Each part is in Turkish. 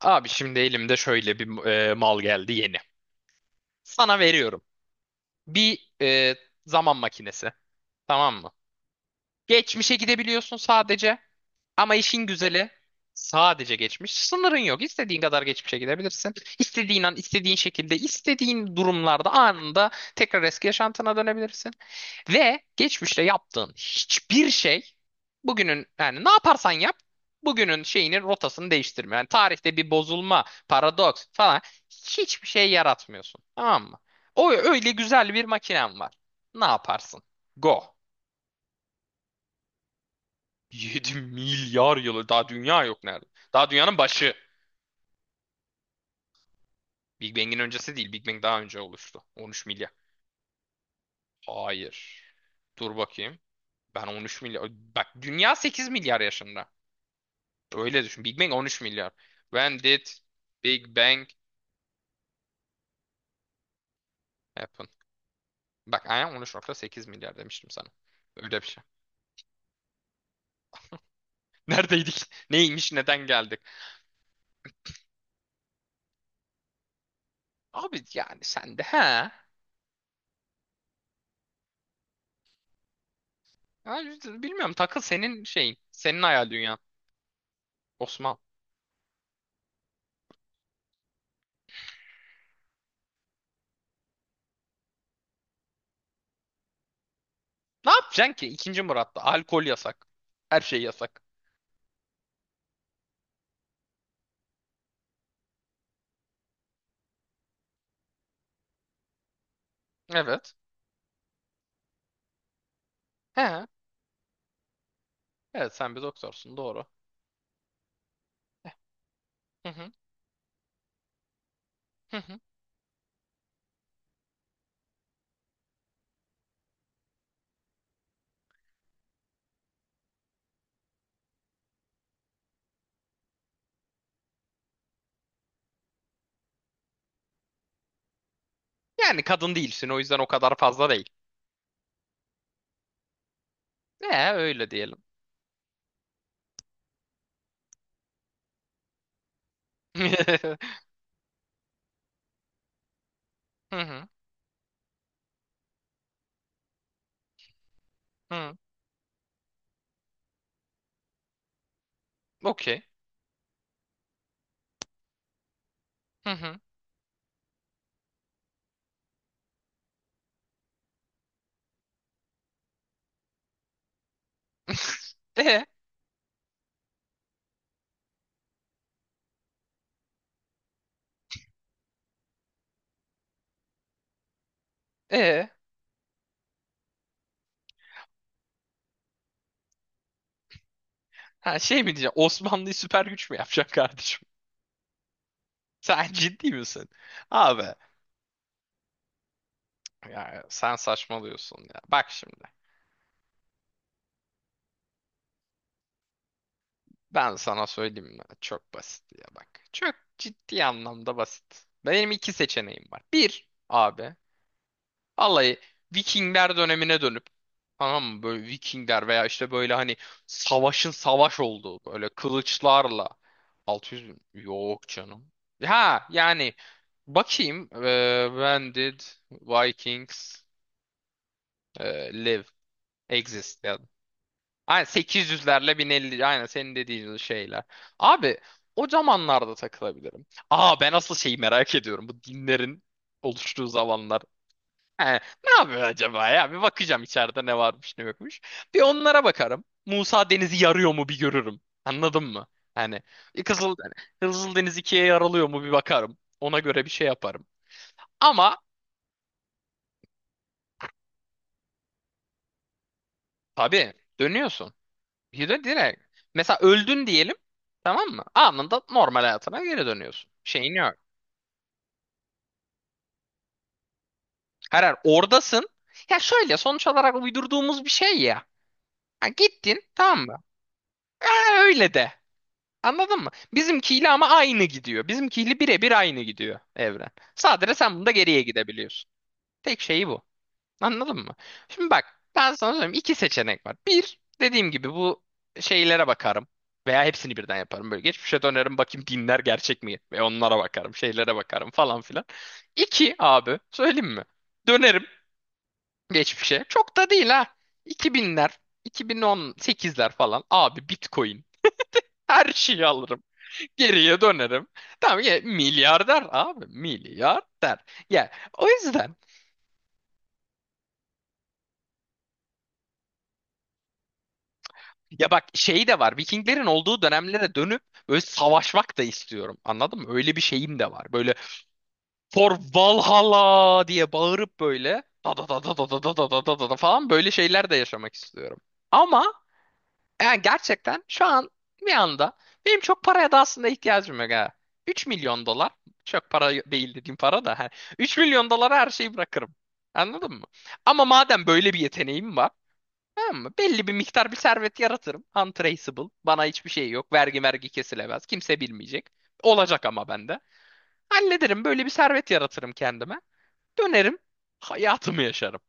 Abi şimdi elimde şöyle bir mal geldi yeni. Sana veriyorum. Bir zaman makinesi. Tamam mı? Geçmişe gidebiliyorsun sadece. Ama işin güzeli sadece geçmiş. Sınırın yok. İstediğin kadar geçmişe gidebilirsin. İstediğin an, istediğin şekilde, istediğin durumlarda anında tekrar eski yaşantına dönebilirsin. Ve geçmişte yaptığın hiçbir şey bugünün yani ne yaparsan yap bugünün şeyini, rotasını değiştirmiyor. Yani tarihte bir bozulma, paradoks falan hiçbir şey yaratmıyorsun. Tamam mı? O öyle güzel bir makinen var. Ne yaparsın? Go. 7 milyar yılı daha dünya yok, nerede? Daha dünyanın başı. Big Bang'in öncesi değil. Big Bang daha önce oluştu. 13 milyar. Hayır. Dur bakayım. Ben 13 milyar. Bak, dünya 8 milyar yaşında. Öyle düşün. Big Bang 13 milyar. When did Big Bang happen? Bak, aynen 13.8 milyar demiştim sana. Öyle bir şey. Neredeydik? Neymiş? Neden geldik? Abi yani sen de he. Abi, bilmiyorum, takıl senin şeyin. Senin hayal dünyan. Osman. Ne yapacaksın ki? II. Murat'ta. Alkol yasak. Her şey yasak. Evet. He. Evet, sen bir doktorsun. Doğru. Eh, Hı hı. Hı hı. Yani kadın değilsin, o yüzden o kadar fazla değil. Öyle diyelim. Hı hı. Hı. Okey. Hı hı. E, e. Ha, şey mi diyeceğim? Osmanlı'yı süper güç mü yapacaksın kardeşim? Sen ciddi misin? Abi ya, sen saçmalıyorsun ya. Bak şimdi. Ben sana söyleyeyim mi? Çok basit ya bak. Çok ciddi anlamda basit. Benim iki seçeneğim var. Bir abi. Vallahi Vikingler dönemine dönüp, tamam mı, böyle Vikingler veya işte böyle hani savaşın savaş olduğu böyle kılıçlarla 600 bin- yok canım. Ha yani bakayım when did Vikings live exist yani. Aynen 800'lerle 1050, aynen senin dediğin şeyler. Abi o zamanlarda takılabilirim. Aa, ben asıl şeyi merak ediyorum, bu dinlerin oluştuğu zamanlar. He, ne yapıyor acaba ya? Bir bakacağım içeride ne varmış ne yokmuş. Bir onlara bakarım. Musa Deniz'i yarıyor mu bir görürüm. Anladın mı? Hani bir Kızıl, hani Kızıl Deniz ikiye yarılıyor mu bir bakarım. Ona göre bir şey yaparım. Ama tabii dönüyorsun. Bir de direkt. Mesela öldün diyelim. Tamam mı? Anında normal hayatına geri dönüyorsun. Şeyin yok. Her oradasın. Ya şöyle, sonuç olarak uydurduğumuz bir şey ya. Ha, gittin, tamam mı? Ha, öyle de. Anladın mı? Bizimkiyle ama aynı gidiyor. Bizimkiyle birebir aynı gidiyor evren. Sadece sen bunda geriye gidebiliyorsun. Tek şeyi bu. Anladın mı? Şimdi bak, ben sana söyleyeyim, iki seçenek var. Bir, dediğim gibi bu şeylere bakarım. Veya hepsini birden yaparım. Böyle geçmişe dönerim, bakayım, dinler gerçek mi? Ve onlara bakarım. Şeylere bakarım falan filan. İki, abi söyleyeyim mi? Dönerim geçmişe. Çok da değil ha. 2000'ler, 2018'ler falan. Abi, Bitcoin. Her şeyi alırım. Geriye dönerim. Tamam ya, milyarder abi, milyarder. Ya o yüzden, ya bak, şey de var, Vikinglerin olduğu dönemlere dönüp böyle savaşmak da istiyorum. Anladın mı? Öyle bir şeyim de var. Böyle "For Valhalla" diye bağırıp böyle da da da da da da da da da da da da falan, böyle şeyler de yaşamak istiyorum. Ama yani gerçekten şu an bir anda benim çok paraya da aslında ihtiyacım yok ha. 3 milyon dolar çok para değil, dediğim para da hani 3 milyon dolara her şeyi bırakırım. Anladın mı? Ama madem böyle bir yeteneğim var, tamam mı, belli bir miktar bir servet yaratırım. Untraceable. Bana hiçbir şey yok. Vergi vergi kesilemez. Kimse bilmeyecek. Olacak ama bende. Hallederim. Böyle bir servet yaratırım kendime. Dönerim. Hayatımı yaşarım.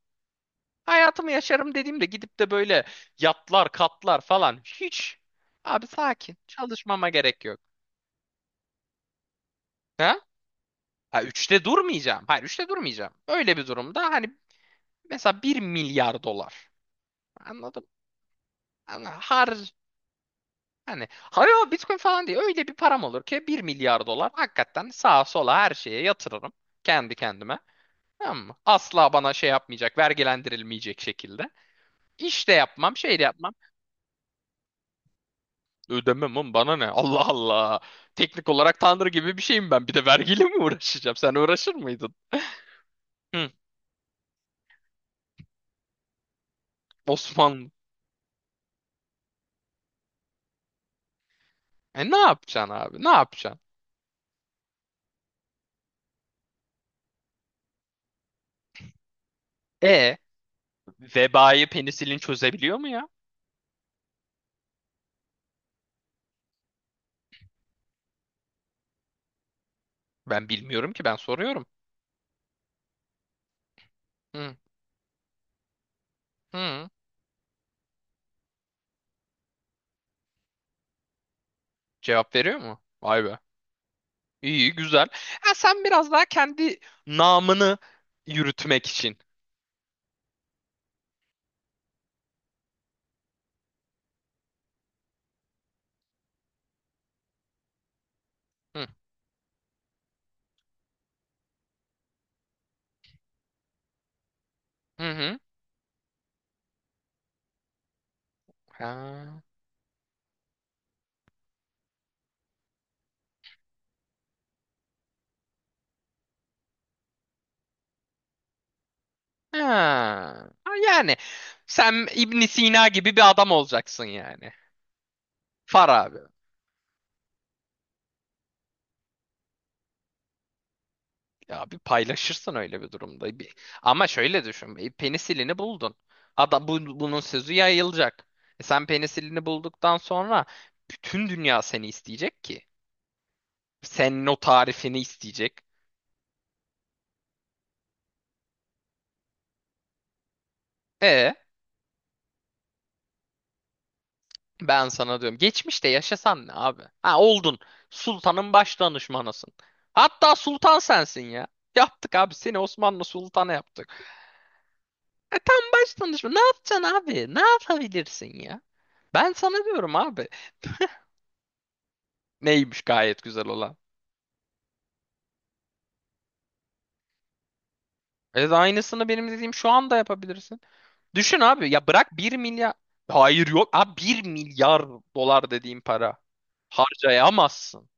Hayatımı yaşarım dediğimde gidip de böyle yatlar, katlar falan hiç. Abi sakin. Çalışmama gerek yok. Ha? Ha, üçte durmayacağım. Hayır, üçte durmayacağım. Öyle bir durumda hani mesela 1 milyar dolar. Anladım. Hani har, hani hayır, o Bitcoin falan değil. Öyle bir param olur ki, 1 milyar dolar, hakikaten sağa sola her şeye yatırırım kendi kendime. Tamam mı? Asla bana şey yapmayacak, vergilendirilmeyecek şekilde. İş de yapmam, şey de yapmam. Ödemem oğlum, bana ne? Allah Allah. Teknik olarak tanrı gibi bir şeyim ben. Bir de vergiyle mi uğraşacağım? Sen uğraşır mıydın? Hı, Osmanlı. E ne yapacaksın abi? Ne yapacaksın? E, vebayı penisilin çözebiliyor mu ya? Ben bilmiyorum ki, ben soruyorum. Hı, hı. Cevap veriyor mu? Vay be. İyi güzel. Ha, sen biraz daha kendi namını yürütmek için. Hı, hı, hı. Ha. Ha. Ha, yani sen İbn Sina gibi bir adam olacaksın yani. Far abi. Ya bir paylaşırsın öyle bir durumda. Bir... Ama şöyle düşün. Penisilini buldun. Adam bu, bunun sözü yayılacak. E sen penisilini bulduktan sonra bütün dünya seni isteyecek ki. Senin o tarifini isteyecek. E ben sana diyorum. Geçmişte yaşasan ne abi? Ha, oldun. Sultanın baş danışmanısın. Hatta sultan sensin ya. Yaptık abi, seni Osmanlı sultanı yaptık. E tam baş danışman. Ne yapacaksın abi? Ne yapabilirsin ya? Ben sana diyorum abi. Neymiş gayet güzel olan? Evet, aynısını benim dediğim şu anda yapabilirsin. Düşün abi, ya bırak 1 milyar. Hayır yok. Abi, 1 milyar dolar dediğim para. Harcayamazsın.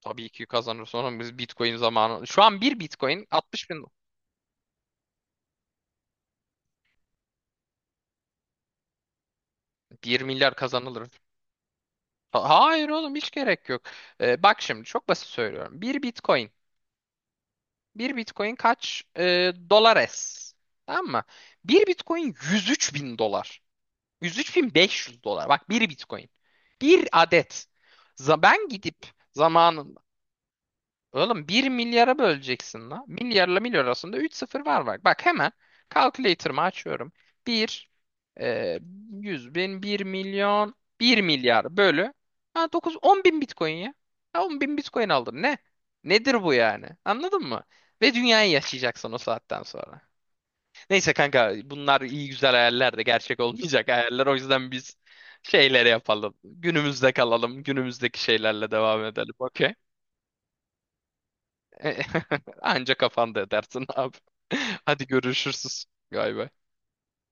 Tabii ki kazanır, sonra biz Bitcoin zamanı. Şu an bir Bitcoin 60 bin. 1 milyar kazanılır. Hayır oğlum, hiç gerek yok. Bak şimdi, çok basit söylüyorum. Bir Bitcoin. Bir Bitcoin kaç? Dolar es. Tamam mı? Bir Bitcoin 103 bin dolar. 103.500 dolar. Bak, bir Bitcoin. Bir adet. Ben gidip zamanında. Oğlum, 1 milyara böleceksin la. Milyarla milyar arasında 3 sıfır var bak. Bak, hemen calculator'ımı açıyorum. Bir. e, 100 bin, 1 milyon, 1 milyar bölü, ha dokuz, 10 bin Bitcoin ya. Ha, 10 bin Bitcoin aldın, ne? Nedir bu yani? Anladın mı? Ve dünyayı yaşayacaksın o saatten sonra. Neyse kanka, bunlar iyi güzel hayaller de, gerçek olmayacak hayaller. O yüzden biz şeyleri yapalım. Günümüzde kalalım. Günümüzdeki şeylerle devam edelim. Okey. Anca kafanda edersin abi. Hadi görüşürüz galiba.